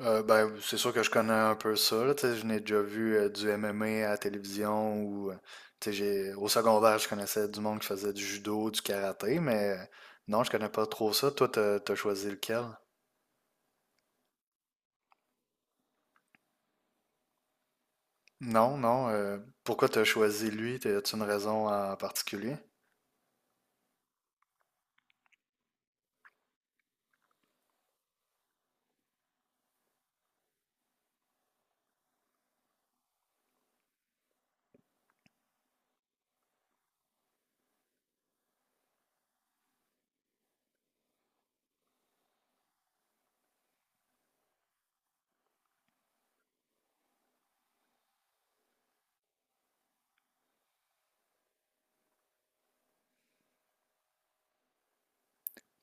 Ben, c'est sûr que je connais un peu ça, là, tu sais, je n'ai déjà vu du MMA à la télévision ou, tu sais, j'ai, au secondaire, je connaissais du monde qui faisait du judo, du karaté, mais non, je connais pas trop ça. Toi, t'as choisi lequel? Non, non, pourquoi t'as choisi lui? As-tu une raison en particulier?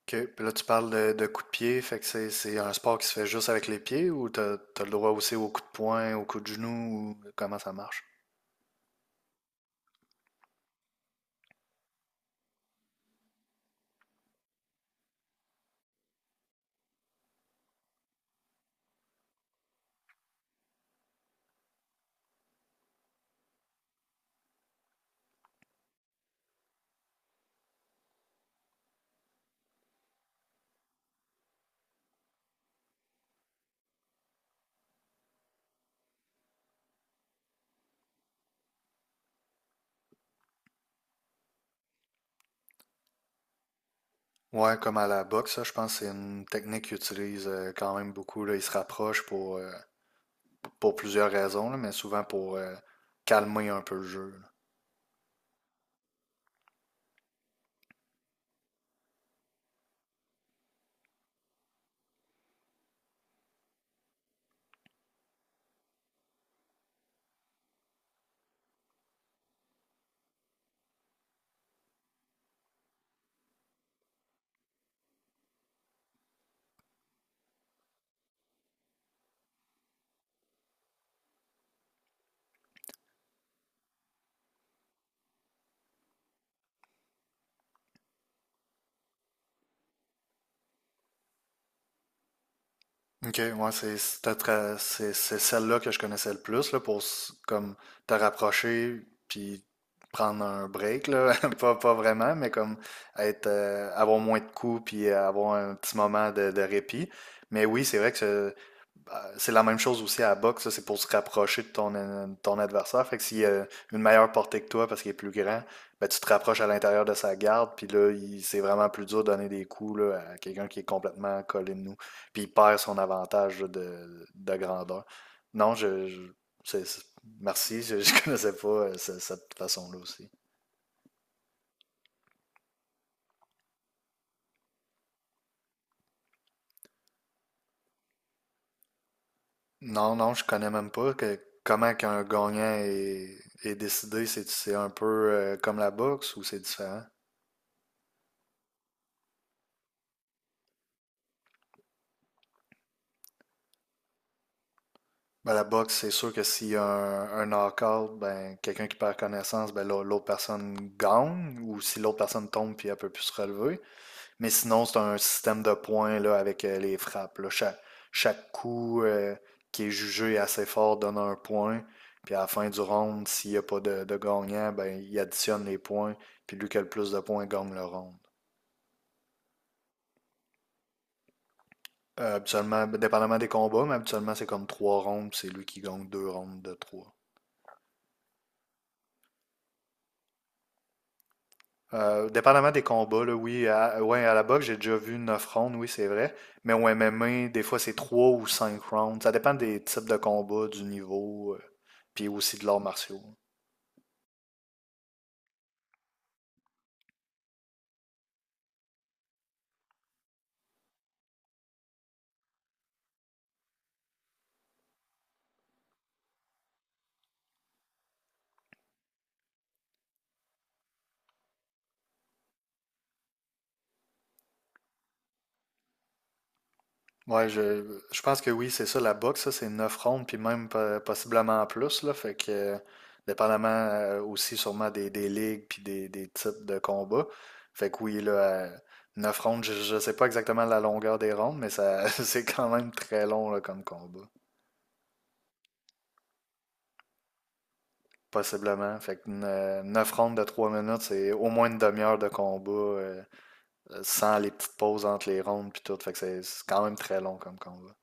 Ok, puis là, tu parles de coups de pied, fait que c'est un sport qui se fait juste avec les pieds ou t'as le droit aussi aux coups de poing, aux coups de genoux ou comment ça marche? Ouais, comme à la boxe, ça, je pense que c'est une technique qu'ils utilisent quand même beaucoup. Là. Ils se rapprochent pour plusieurs raisons, là, mais souvent pour calmer un peu le jeu. Là. Ok, ouais, c'est c'était très- c'est celle-là que je connaissais le plus là, pour comme te rapprocher puis prendre un break, là. Pas vraiment, mais comme être avoir moins de coups puis avoir un petit moment de répit. Mais oui, c'est vrai que bah, c'est la même chose aussi à la boxe, là, c'est pour se rapprocher de ton adversaire. Fait que s'il a une meilleure portée que toi parce qu'il est plus grand, ben, tu te rapproches à l'intérieur de sa garde, puis là, c'est vraiment plus dur de donner des coups là, à quelqu'un qui est complètement collé de nous, puis il perd son avantage là, de grandeur. Non, c'est- c'est- merci, je connaissais pas cette façon-là aussi. Non, non, je connais même pas que, comment qu'un gagnant est décidé. C'est un peu comme la boxe ou c'est différent? Ben, la boxe, c'est sûr que s'il y a un knock-out, ben, quelqu'un qui perd connaissance, ben, l'autre personne gagne, ou si l'autre personne tombe puis elle peut plus se relever. Mais sinon, c'est un système de points là, avec les frappes. Là. Chaque, coup qui est jugé assez fort donne un point. Puis à la fin du round, s'il n'y a pas de gagnant, ben, il additionne les points. Puis lui qui a le plus de points gagne le round. Habituellement, ben, dépendamment des combats, mais habituellement, c'est comme trois rounds, puis c'est lui qui gagne deux rounds de trois. Dépendamment des combats, là, oui, à, ouais, à la boxe, j'ai déjà vu 9 rounds, oui, c'est vrai. Mais au MMA, des fois, c'est 3 ou 5 rounds. Ça dépend des types de combats, du niveau, puis aussi de l'art martiaux. Ouais, je pense que oui, c'est ça, la boxe, ça, c'est 9 rounds, puis même possiblement plus, là. Fait que, dépendamment aussi sûrement des ligues, puis des types de combats. Fait que oui, là, 9 rounds, je sais pas exactement la longueur des rounds, mais ça, c'est quand même très long, là, comme combat. Possiblement. Fait que 9 rondes de 3 minutes, c'est au moins une demi-heure de combat sans les petites pauses entre les rondes puis tout. Fait que c'est quand même très long comme combat.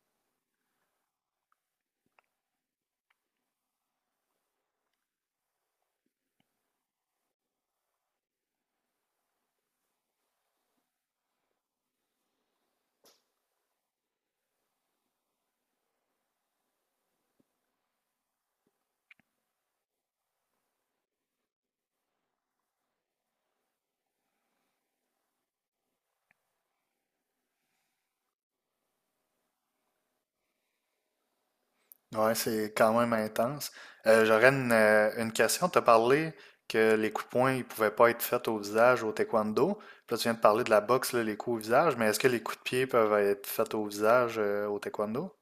Ouais, c'est quand même intense. J'aurais une question. Tu as parlé que les coups de poing ils pouvaient pas être faits au visage au taekwondo. Puis là, tu viens de parler de la boxe, là, les coups au visage, mais est-ce que les coups de pied peuvent être faits au visage au taekwondo?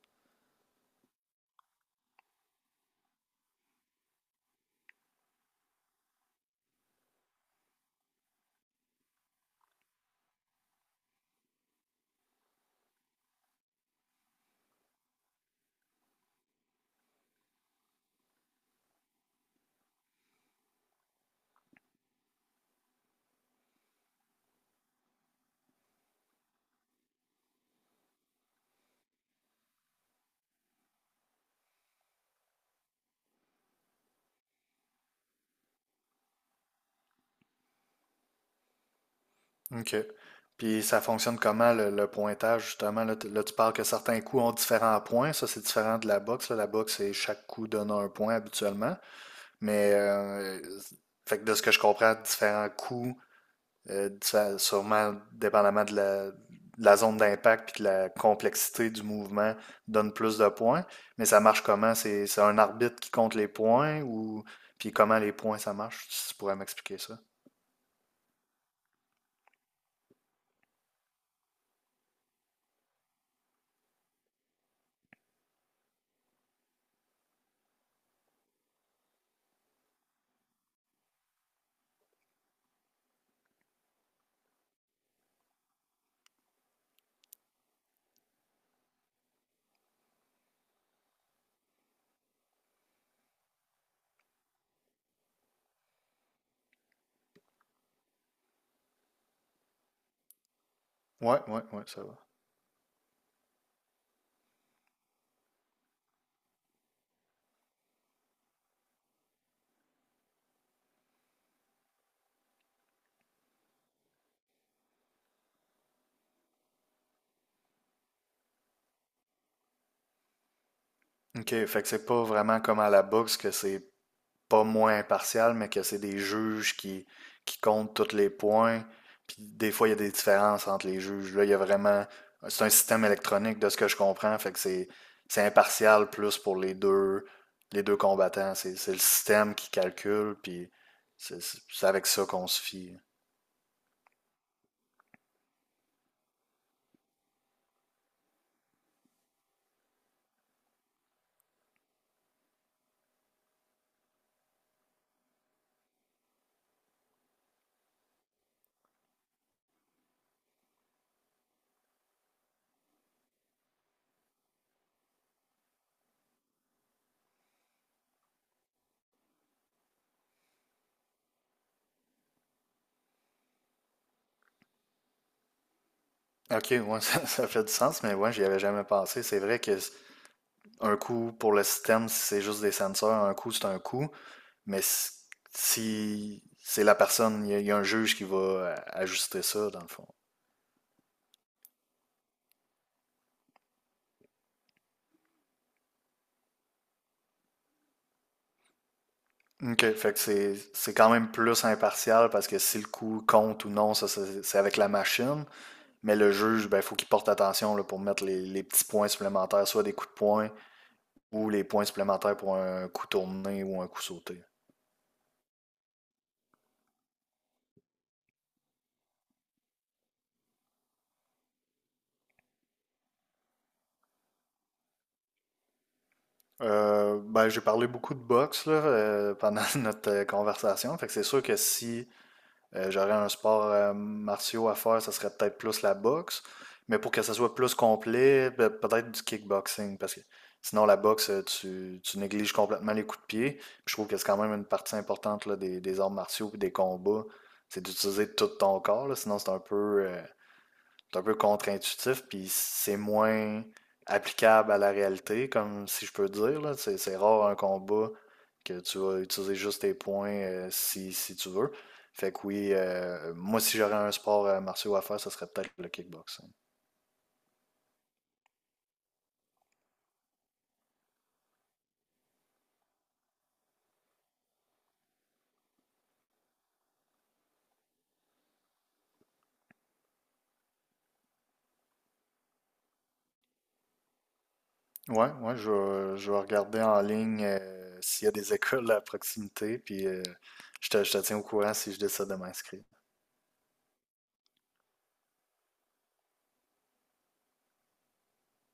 OK. Puis ça fonctionne comment le pointage, justement? Là, tu parles que certains coups ont différents points. Ça, c'est différent de la boxe. Là. La boxe, c'est chaque coup donne un point habituellement. Mais fait que de ce que je comprends, différents coups, sûrement dépendamment de la zone d'impact puis de la complexité du mouvement, donne plus de points. Mais ça marche comment? C'est un arbitre qui compte les points ou puis comment les points ça marche? Si tu pourrais m'expliquer ça. Ouais, ouais, ouais, ça va. OK, fait que c'est pas vraiment comme à la boxe que c'est pas moins impartial, mais que c'est des juges qui comptent tous les points. Puis des fois, il y a des différences entre les juges. Là, il y a vraiment. C'est un système électronique de ce que je comprends. Fait que c'est impartial plus pour les deux combattants. C'est le système qui calcule, puis c'est avec ça qu'on se fie. Ok, ouais, ça fait du sens, mais ouais, j'y avais jamais pensé. C'est vrai que un coup pour le système, c'est juste des senseurs, un coup c'est un coup. Mais si c'est la personne, y a un juge qui va ajuster ça, dans le fond. OK, fait que c'est quand même plus impartial parce que si le coup compte ou non, ça c'est avec la machine. Mais le juge, ben, faut qu'il porte attention là, pour mettre les petits points supplémentaires, soit des coups de poing ou les points supplémentaires pour un coup tourné ou un coup sauté. Ben, j'ai parlé beaucoup de boxe là, pendant notre conversation. Fait que c'est sûr que si j'aurais un sport martiaux à faire, ça serait peut-être plus la boxe. Mais pour que ça soit plus complet, peut-être du kickboxing. Parce que sinon, la boxe, tu négliges complètement les coups de pied. Puis je trouve que c'est quand même une partie importante là, des arts martiaux et des combats. C'est d'utiliser tout ton corps, là, sinon, c'est un peu, c'est un peu contre-intuitif, puis c'est moins applicable à la réalité, comme si je peux dire, là. C'est rare un combat que tu vas utiliser juste tes points si tu veux. Fait que oui, moi, si j'aurais un sport martiaux à faire, ce serait peut-être le kickboxing. Ouais, ouais, je vais regarder en ligne s'il y a des écoles à proximité, puis je te tiens au courant si je décide de m'inscrire.